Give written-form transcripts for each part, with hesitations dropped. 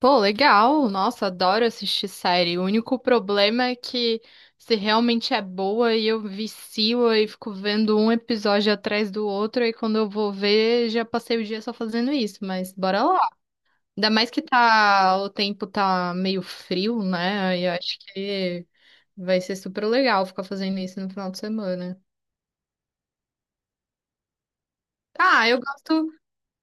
Pô, legal. Nossa, adoro assistir série. O único problema é que se realmente é boa e eu vicio e fico vendo um episódio atrás do outro e quando eu vou ver, já passei o dia só fazendo isso, mas bora lá. Ainda mais que o tempo tá meio frio, né? Aí eu acho que vai ser super legal ficar fazendo isso no final de semana. Ah, eu gosto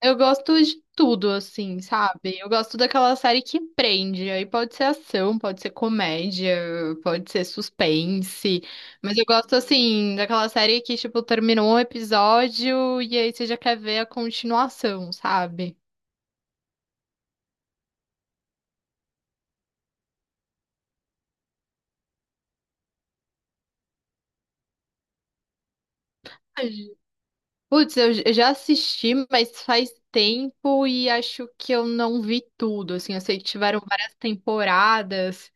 Eu gosto de tudo, assim, sabe? Eu gosto daquela série que prende. Aí pode ser ação, pode ser comédia, pode ser suspense. Mas eu gosto, assim, daquela série que, tipo, terminou um episódio e aí você já quer ver a continuação, sabe? Putz, eu já assisti, mas faz tempo e acho que eu não vi tudo. Assim, eu sei que tiveram várias temporadas.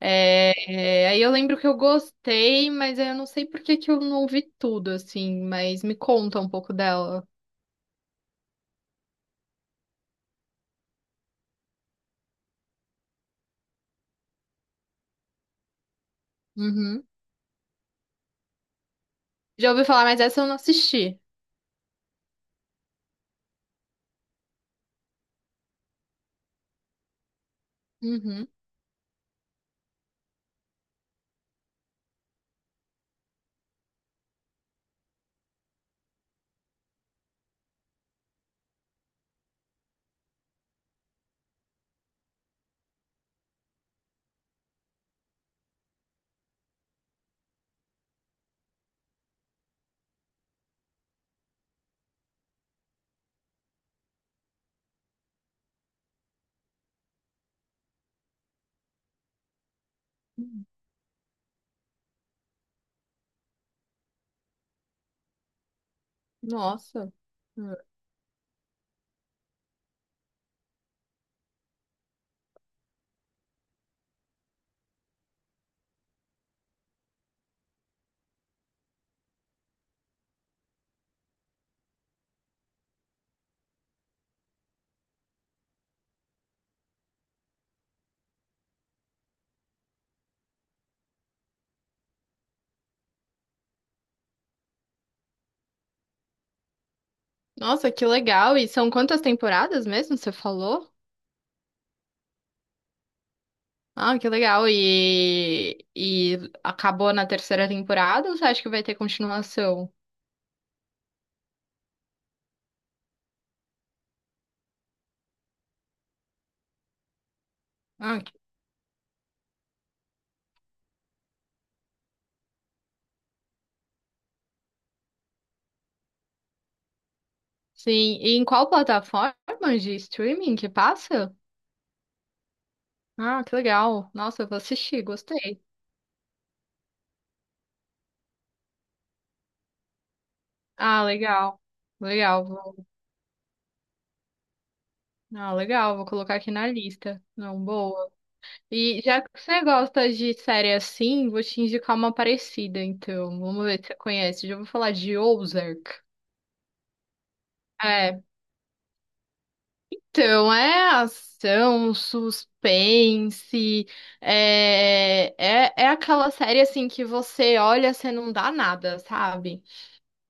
É, é, aí eu lembro que eu gostei, mas eu não sei por que que eu não ouvi tudo, assim, mas me conta um pouco dela. Uhum. Já ouvi falar, mas essa eu não assisti. Uhum. Nossa. Nossa, que legal. E são quantas temporadas mesmo, você falou? Ah, que legal. E acabou na terceira temporada ou você acha que vai ter continuação? Ah, que- sim. E em qual plataforma de streaming que passa? Ah, que legal. Nossa, eu vou assistir, gostei. Ah, legal. Legal, vou. Ah, legal, vou colocar aqui na lista. Não, boa. E já que você gosta de série assim, vou te indicar uma parecida, então. Vamos ver se você conhece. Já vou falar de Ozark. É, então é ação, suspense, é, é, é aquela série assim que você olha, você não dá nada, sabe?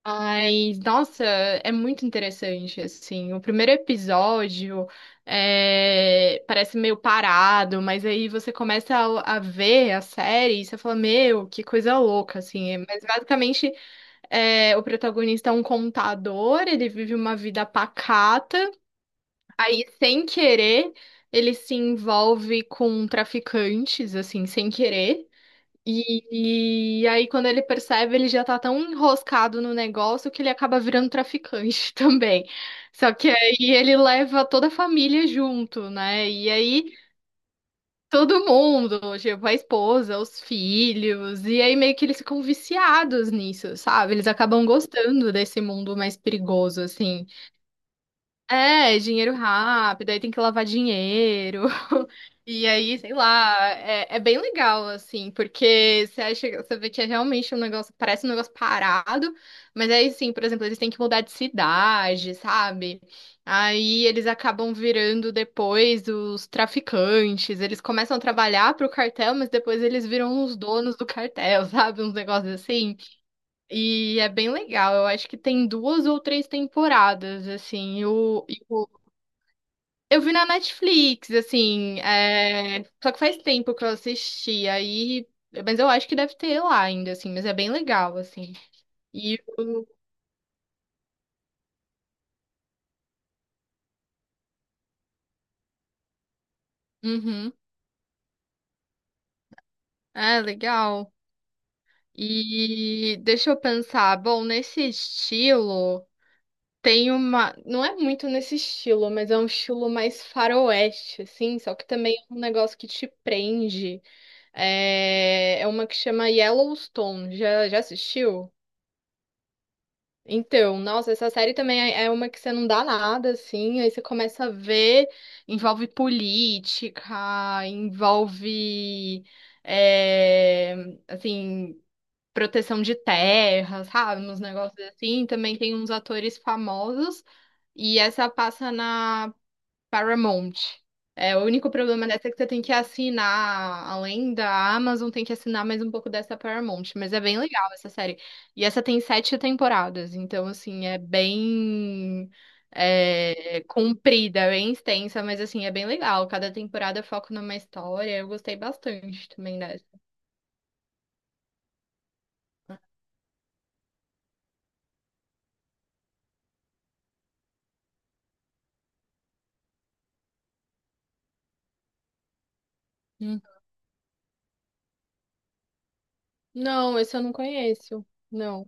Ai, nossa, é muito interessante, assim. O primeiro episódio é, parece meio parado, mas aí você começa a ver a série e você fala, meu, que coisa louca, assim. Mas basicamente é, o protagonista é um contador, ele vive uma vida pacata, aí sem querer ele se envolve com traficantes, assim, sem querer. E aí, quando ele percebe, ele já tá tão enroscado no negócio que ele acaba virando traficante também. Só que aí ele leva toda a família junto, né? E aí todo mundo, tipo, a esposa, os filhos, e aí meio que eles ficam viciados nisso, sabe? Eles acabam gostando desse mundo mais perigoso, assim. É, dinheiro rápido, aí tem que lavar dinheiro. E aí, sei lá, é, é bem legal, assim, porque você acha, você vê que é realmente um negócio, parece um negócio parado, mas aí sim, por exemplo, eles têm que mudar de cidade, sabe? Aí eles acabam virando depois os traficantes, eles começam a trabalhar pro cartel, mas depois eles viram os donos do cartel, sabe? Uns negócios assim. E é bem legal, eu acho que tem duas ou três temporadas, assim, e o, eu vi na Netflix, assim, é, só que faz tempo que eu assisti, aí, mas eu acho que deve ter lá ainda, assim, mas é bem legal, assim. E o... Uhum. É, legal. E deixa eu pensar, bom, nesse estilo, tem uma, não é muito nesse estilo, mas é um estilo mais faroeste, assim, só que também é um negócio que te prende. É, é uma que chama Yellowstone, já, já assistiu? Então, nossa, essa série também é uma que você não dá nada, assim, aí você começa a ver, envolve política, envolve, é, assim, proteção de terras, sabe? Uns negócios assim. Também tem uns atores famosos, e essa passa na Paramount. É, o único problema dessa é que você tem que assinar, além da Amazon, tem que assinar mais um pouco dessa Paramount. Mas é bem legal essa série. E essa tem sete temporadas, então, assim, é bem é, comprida, bem extensa, mas, assim, é bem legal. Cada temporada foca numa história. Eu gostei bastante também dessa. Hum. Não, esse eu não conheço. Não.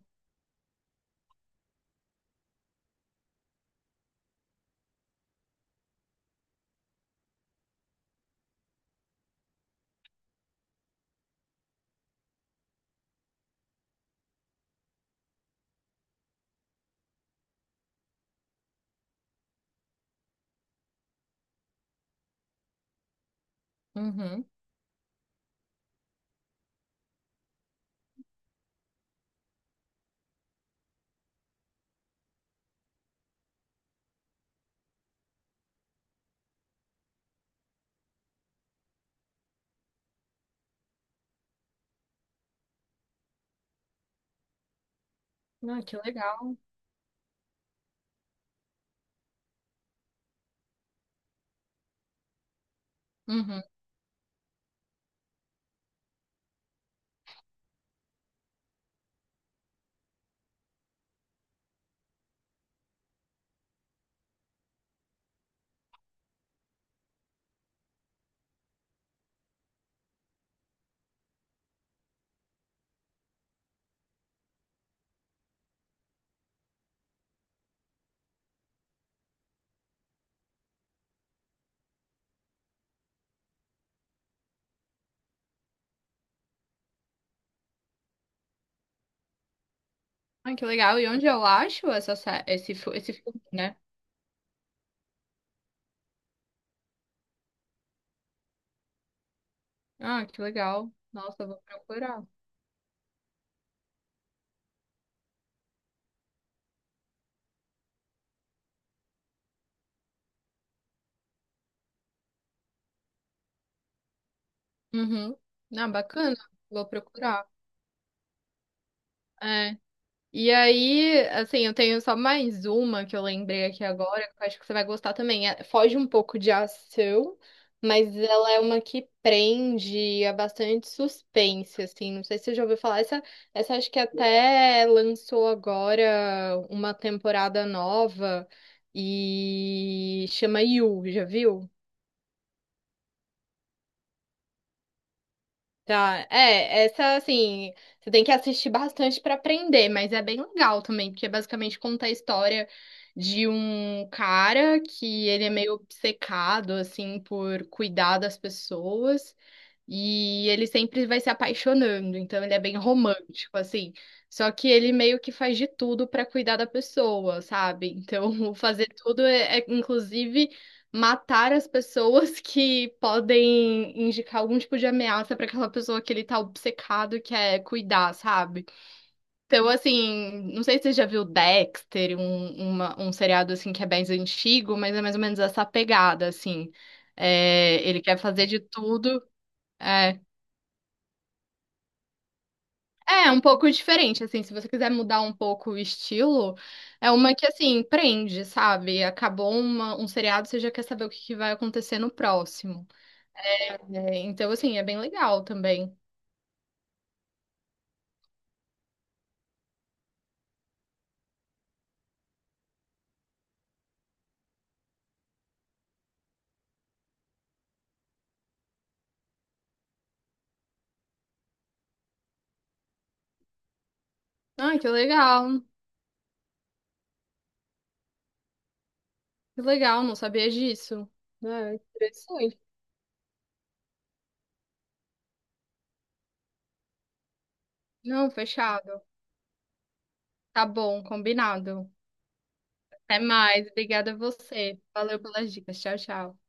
Uhum. Ah, que legal. Uhum. Ah, que legal. E onde eu acho essa, sé- esse, fi- esse filme, né? Ah, que legal. Nossa, eu vou procurar. Uhum. Ah, bacana. Vou procurar. É. E aí, assim, eu tenho só mais uma que eu lembrei aqui agora, que eu acho que você vai gostar também. É- foge um pouco de ação, mas ela é uma que prende, é bastante suspense, assim. Não sei se você já ouviu falar. Essa acho que até lançou agora uma temporada nova e chama You, já viu? Tá, é, essa assim, você tem que assistir bastante pra aprender, mas é bem legal também, porque é basicamente conta a história de um cara que ele é meio obcecado assim por cuidar das pessoas e ele sempre vai se apaixonando, então ele é bem romântico assim. Só que ele meio que faz de tudo pra cuidar da pessoa, sabe? Então, o fazer tudo é, inclusive matar as pessoas que podem indicar algum tipo de ameaça pra aquela pessoa que ele tá obcecado que é cuidar, sabe? Então, assim, não sei se você já viu Dexter, um seriado assim que é bem antigo, mas é mais ou menos essa pegada, assim. É, ele quer fazer de tudo. É, é um pouco diferente, assim, se você quiser mudar um pouco o estilo, é uma que, assim, prende, sabe? Acabou um seriado, você já quer saber o que que vai acontecer no próximo. É, então, assim, é bem legal também. Ai, que legal. Que legal, não sabia disso. É, interessante. Não, fechado. Tá bom, combinado. Até mais. Obrigada a você. Valeu pelas dicas. Tchau, tchau.